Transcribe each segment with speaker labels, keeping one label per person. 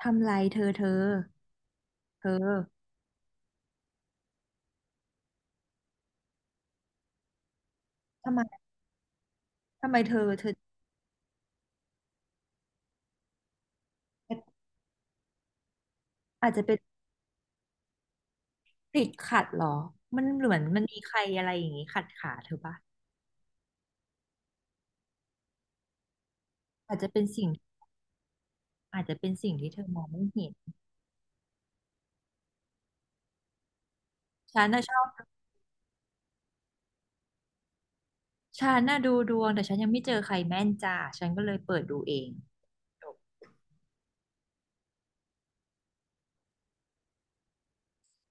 Speaker 1: ทำไรเธอทำไมทำไมเธออาจจะเป็นติดขัดเหรอมันเหมือนมันมีใครอะไรอย่างงี้ขัดขาเธอปะอาจจะเป็นสิ่งอาจจะเป็นสิ่งที่เธอมองไม่เห็นฉันน่ะชอบฉันน่ะดูดวงแต่ฉันยังไม่เจอใครแม่นจ้าฉันก็เลยเปิดดูเอง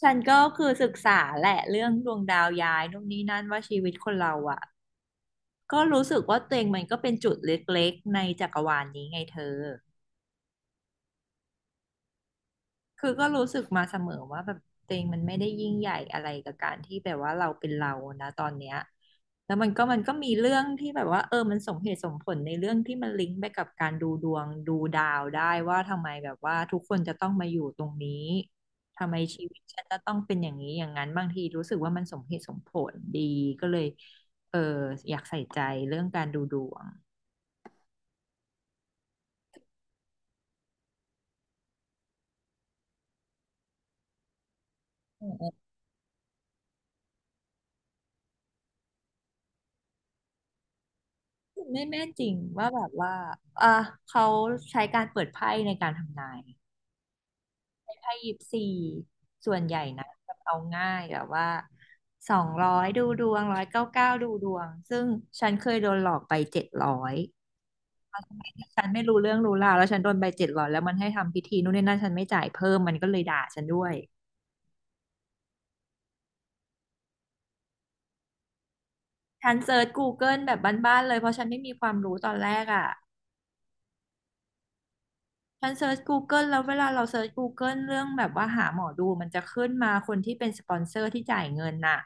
Speaker 1: ฉันก็คือศึกษาแหละเรื่องดวงดาวย้ายนู่นนี่นั่นว่าชีวิตคนเราอ่ะก็รู้สึกว่าตัวเองมันก็เป็นจุดเล็กๆในจักรวาลนี้ไงเธอ คือก็รู้สึกมาเสมอว่าแบบตัวเองมันไม่ได้ยิ่งใหญ่อะไรกับการที่แบบว่าเราเป็นเรานะตอนเนี้ยแล้วมันก็มีเรื่องที่แบบว่าเออมันสมเหตุสมผลในเรื่องที่มันลิงก์ไปกับการดูดวงดูดาวได้ว่าทำไมแบบว่าทุกคนจะต้องมาอยู่ตรงนี้ทำไมชีวิตฉันจะต้องเป็นอย่างนี้อย่างนั้นบางทีรู้สึกว่ามันสมเหตุสมผลดีก็เลยเอออยากใส่ใจเรื่องการดูดวงไม่แม่นจริงว่าแบบว่าอ่ะเขาใช้การเปิดไพ่ในการทำนาย 24ส่วนใหญ่นะแบบเอาง่ายแบบว่า200ดูดวง199ดูดวงซึ่งฉันเคยโดนหลอกไปเจ็ดร้อยสมัยที่ฉันไม่รู้เรื่องรู้ราวแล้วฉันโดนไปเจ็ดร้อยแล้วมันให้ทำพิธีนู่นนี่นั่นฉันไม่จ่ายเพิ่มมันก็เลยด่าฉันด้วยฉันเซิร์ช Google แบบบ้านๆเลยเพราะฉันไม่มีความรู้ตอนแรกอ่ะฉันเซิร์ช Google แล้วเวลาเราเซิร์ช Google เรื่องแบบว่าหาหมอดูมันจะขึ้นมาคนที่เป็นสปอนเซอร์ที่จ่ายเงินน่ะ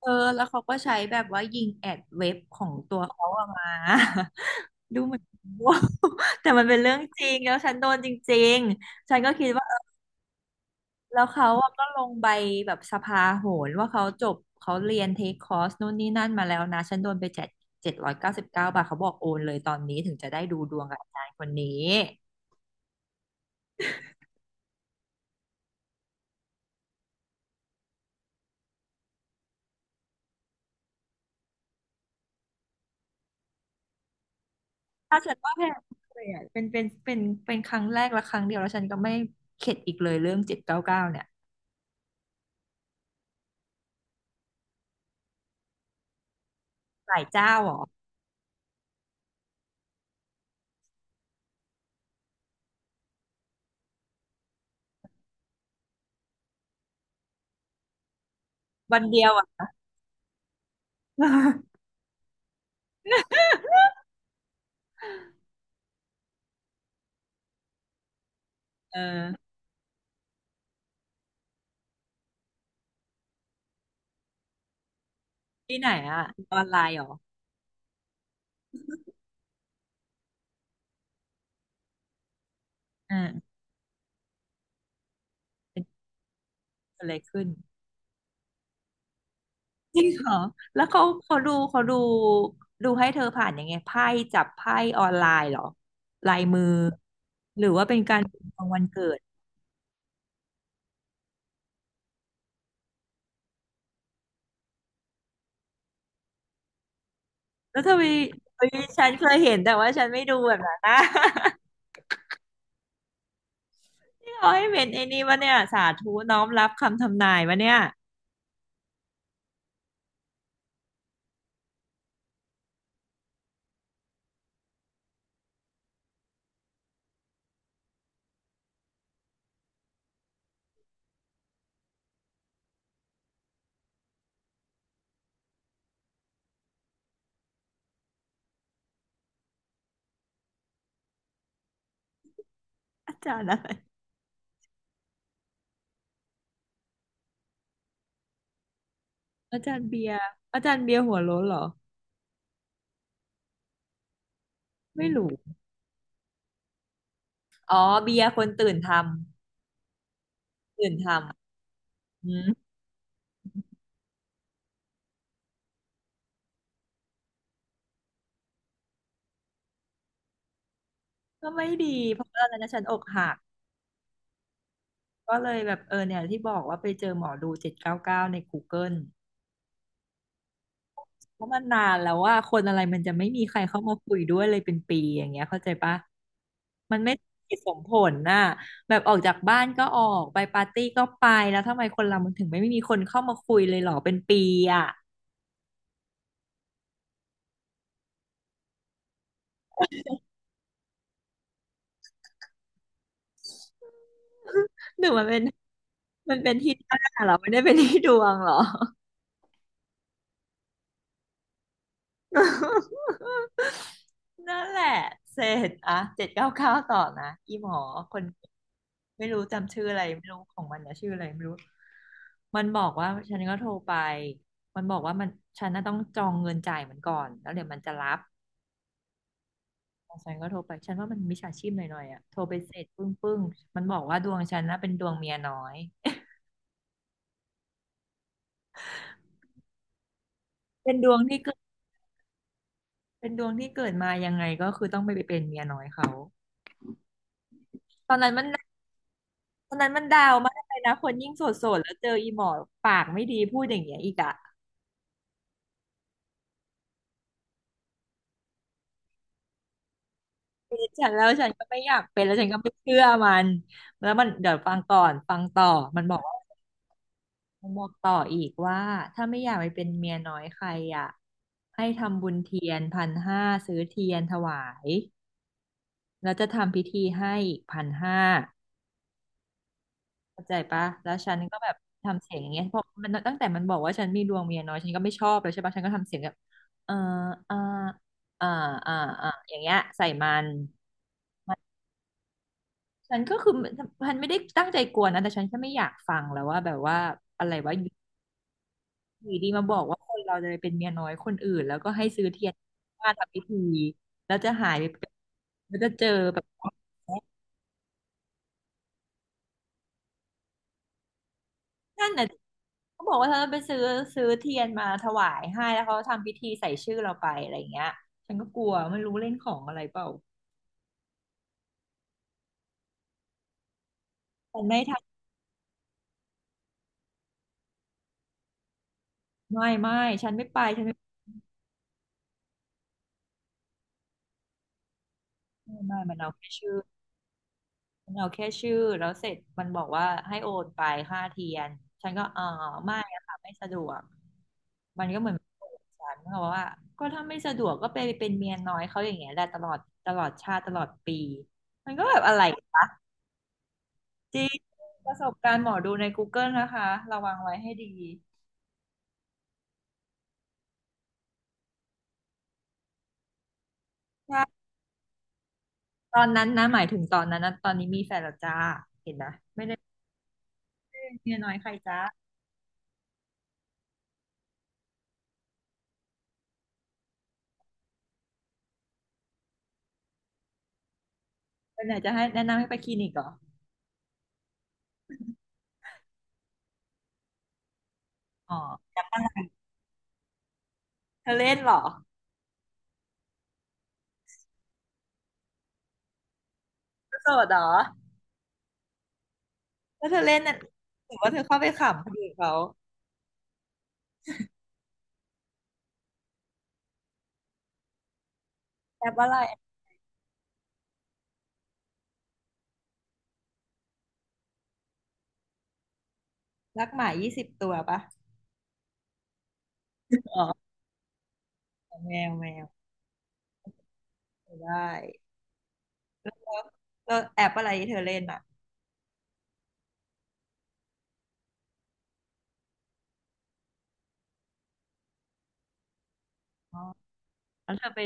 Speaker 1: เออ แล้วเขาก็ใช้แบบว่ายิงแอดเว็บของตัวเขาออกมา ดูเหมือนโง่ แต่มันเป็นเรื่องจริง แล้วฉันโดนจริงๆฉันก็คิดว่าเออแล้วเขาอะก็ลงใบแบบสภาโหรว่าเขาจบเขาเรียนเทคคอร์สนู่นนี่นั่นมาแล้วนะฉันโดนไปเจ็ดร้อยเก้าสิบเก้าบาทเขาบอกโอนเลยตอนนี้ถึงจะได้ดูดวงกับอาจารย์คนนี้ถ้าฉันว่าแพงเลยอ่ะเป็นครั้งแรกและครั้งเดียวแล้วฉันก็ไม่เข็ดอีกเลยเรื่องเจ็ดเก้าเก้าเนี่ยหลายเจ้าเหรอวันเดียวอ่ะ เออที่ไหนอะออนไลน์เหรออ่าเกิดอะไรขึ้นจริงเหรอแล้วเขาดูให้เธอผ่านยังไงไพ่จับไพ่ออนไลน์เหรอลายมือหรือว่าเป็นการของวันเกิดแล้วทำไมเอ้ยฉันเคยเห็นแต่ว่าฉันไม่ดูแบบนั้นนะี่ เขาให้เป็นไอ้นี่วะเนี่ยสาธุน้อมรับคำทำนายวะเนี่ยอาจารย์อะไรอาจารย์เบียร์อาจารย์เบียร์หัวโล้นเหรอไม่รู้อ๋อเบียร์คนตื่นทำตื่นทำอื ก็ไม่ดีเพราะว่าตอนนั้นฉันอกหักก็เลยแบบเออเนี่ยที่บอกว่าไปเจอหมอดูเจ็ดเก้าเก้าใน Google เกิลเพราะมันนานแล้วว่าคนอะไรมันจะไม่มีใครเข้ามาคุยด้วยเลยเป็นปีอย่างเงี้ยเข้าใจปะมันไม่สมเหตุสมผลน่ะแบบออกจากบ้านก็ออกไปปาร์ตี้ก็ไปแล้วทำไมคนเรามันถึงไม่มีคนเข้ามาคุยเลยเหรอเป็นปีอ่ะหรือมันเป็นที่หน้าเหรอไม่ได้เป็นที่ดวงเหรอ นั่นแหละเสร็จอ่ะเจ็ดเก้าเก้าต่อนะอีหมอคนไม่รู้จำชื่ออะไรไม่รู้ของมันนะชื่ออะไรไม่รู้มันบอกว่าฉันก็โทรไปมันบอกว่ามันฉันน่ะต้องจองเงินจ่ายมันก่อนแล้วเดี๋ยวมันจะรับฉันก็โทรไปฉันว่ามันมิจฉาชีพหน่อยๆอ่ะโทรไปเสร็จปึ้งปึ้งมันบอกว่าดวงฉันน่ะเป็นดวงเมียน้อยเป็นดวงที่เกิดเป็นดวงที่เกิดมายังไงก็คือต้องไปเป็นเมียน้อยเขาตอนนั้นมัน คนนั้นมันดาวมากเลยนะคนยิ่งโสดๆแล้วเจออีหมอปากไม่ดีพูดอย่างเงี้ยอีกอะเป็นฉันแล้วฉันก็ไม่อยากเป็นแล้วฉันก็ไม่เชื่อมันแล้วมันเดี๋ยวฟังก่อนฟังต่อมันบอกว่ามันบอกต่ออีกว่าถ้าไม่อยากไปเป็นเมียน้อยใครอะให้ทำบุญเทียนพันห้าซื้อเทียนถวายแล้วจะทำพิธีให้อีกพันห้า เข้าใจปะแล้วฉันก็แบบทำเสียงอย่างเงี้ยเพราะมันตั้งแต่มันบอกว่าฉันมีดวงเมียน้อยฉันก็ไม่ชอบเลยใช่ปะฉันก็ทำเสียงแบบเอออ่าอ่าอ่าอ่าอย่างเงี้ยใส่มันฉันก็คือฉันไม่ได้ตั้งใจกวนนะแต่ฉันแค่ไม่อยากฟังแล้วว่าแบบว่าอะไรว่าอยู่ดีมาบอกว่าคนเราจะไปเป็นเมียน้อยคนอื่นแล้วก็ให้ซื้อเทียนมาทำพิธีแล้วจะหายไปเป็นแล้วจะเจอแบบ นั่นน่ะเขาบอกว่าเธอไปซื้อเทียนมาถวายให้แล้วเขาทำพิธีใส่ชื่อเราไปอะไรอย่างเงี้ยฉันก็กลัวไม่รู้เล่นของอะไรเปล่าฉันไม่ทำไม่ฉันไม่ไปฉันไม่มันเอาแค่ชื่อมันเอาแค่ชื่อแล้วเสร็จมันบอกว่าให้โอนไปค่าเทียนฉันก็เออไม่อะค่ะไม่สะดวกมันก็เหมือนฉันเขาบอกว่าก็ถ้าไม่สะดวกก็ไปเป็นเมียน้อยเขาอย่างเงี้ยแหละตลอดตลอดชาติตลอดปีมันก็แบบอะไร จริงประสบการณ์หมอดูใน Google นะคะระวังไว้ให้ดีใช่ตอนนั้นนะหมายถึงตอนนั้นนะตอนนี้มีแฟนแล้วจ้าเห็นนะไม่ได้เป็นเมียน้อยใครจ้าไปไหนจะให้แนะนำให้ไปคลินิกเหรออ๋อเธอเล่นเหรอเธอโสดเหรอแล้วเธอเล่นน่ะถือว่าเธอเข้าไปขำคนอื่นเขาแอปอะไรรักหมา20ตัวปะอ๋อแมวแมวได้แล้วแล้วแอปอะไรที่เธอเล่นอ่ะอ๋อแล้วเธอไป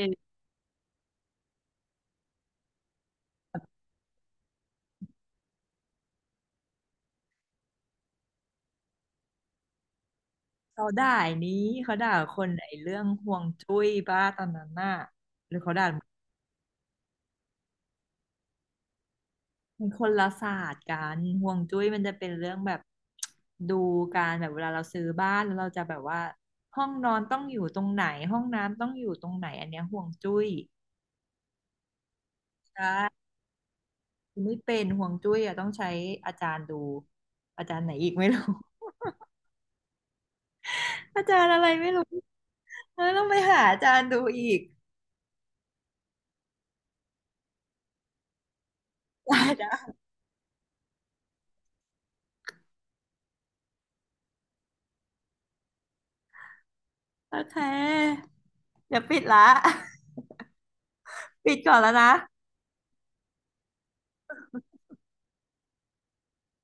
Speaker 1: เขาด่าย้นี้เขาด่าคนไอ้เรื่องห่วงจุ้ยบ้าตอนนั้นน่ะ มันคนละศาสตร์กันห่วงจุ้ยมันจะเป็นเรื่องแบบดูการแบบเวลาเราซื้อบ้านแล้วเราจะแบบว่าห้องนอนต้องอยู่ตรงไหนห้องน้ำต้องอยู่ตรงไหนอันเนี้ยห่วงจุ้ยใช่ไม่เป็นห่วงจุ้ยอ่ะต้องใช้อาจารย์ดูอาจารย์ไหนอีกไม่รู้ อาจารย์อะไรไม่รู้เออต้องไปหาอาจารย์ดูอีก ได้ไดะโอเคเดี๋ยวปิดละ ปิดก่อนแล้วนะ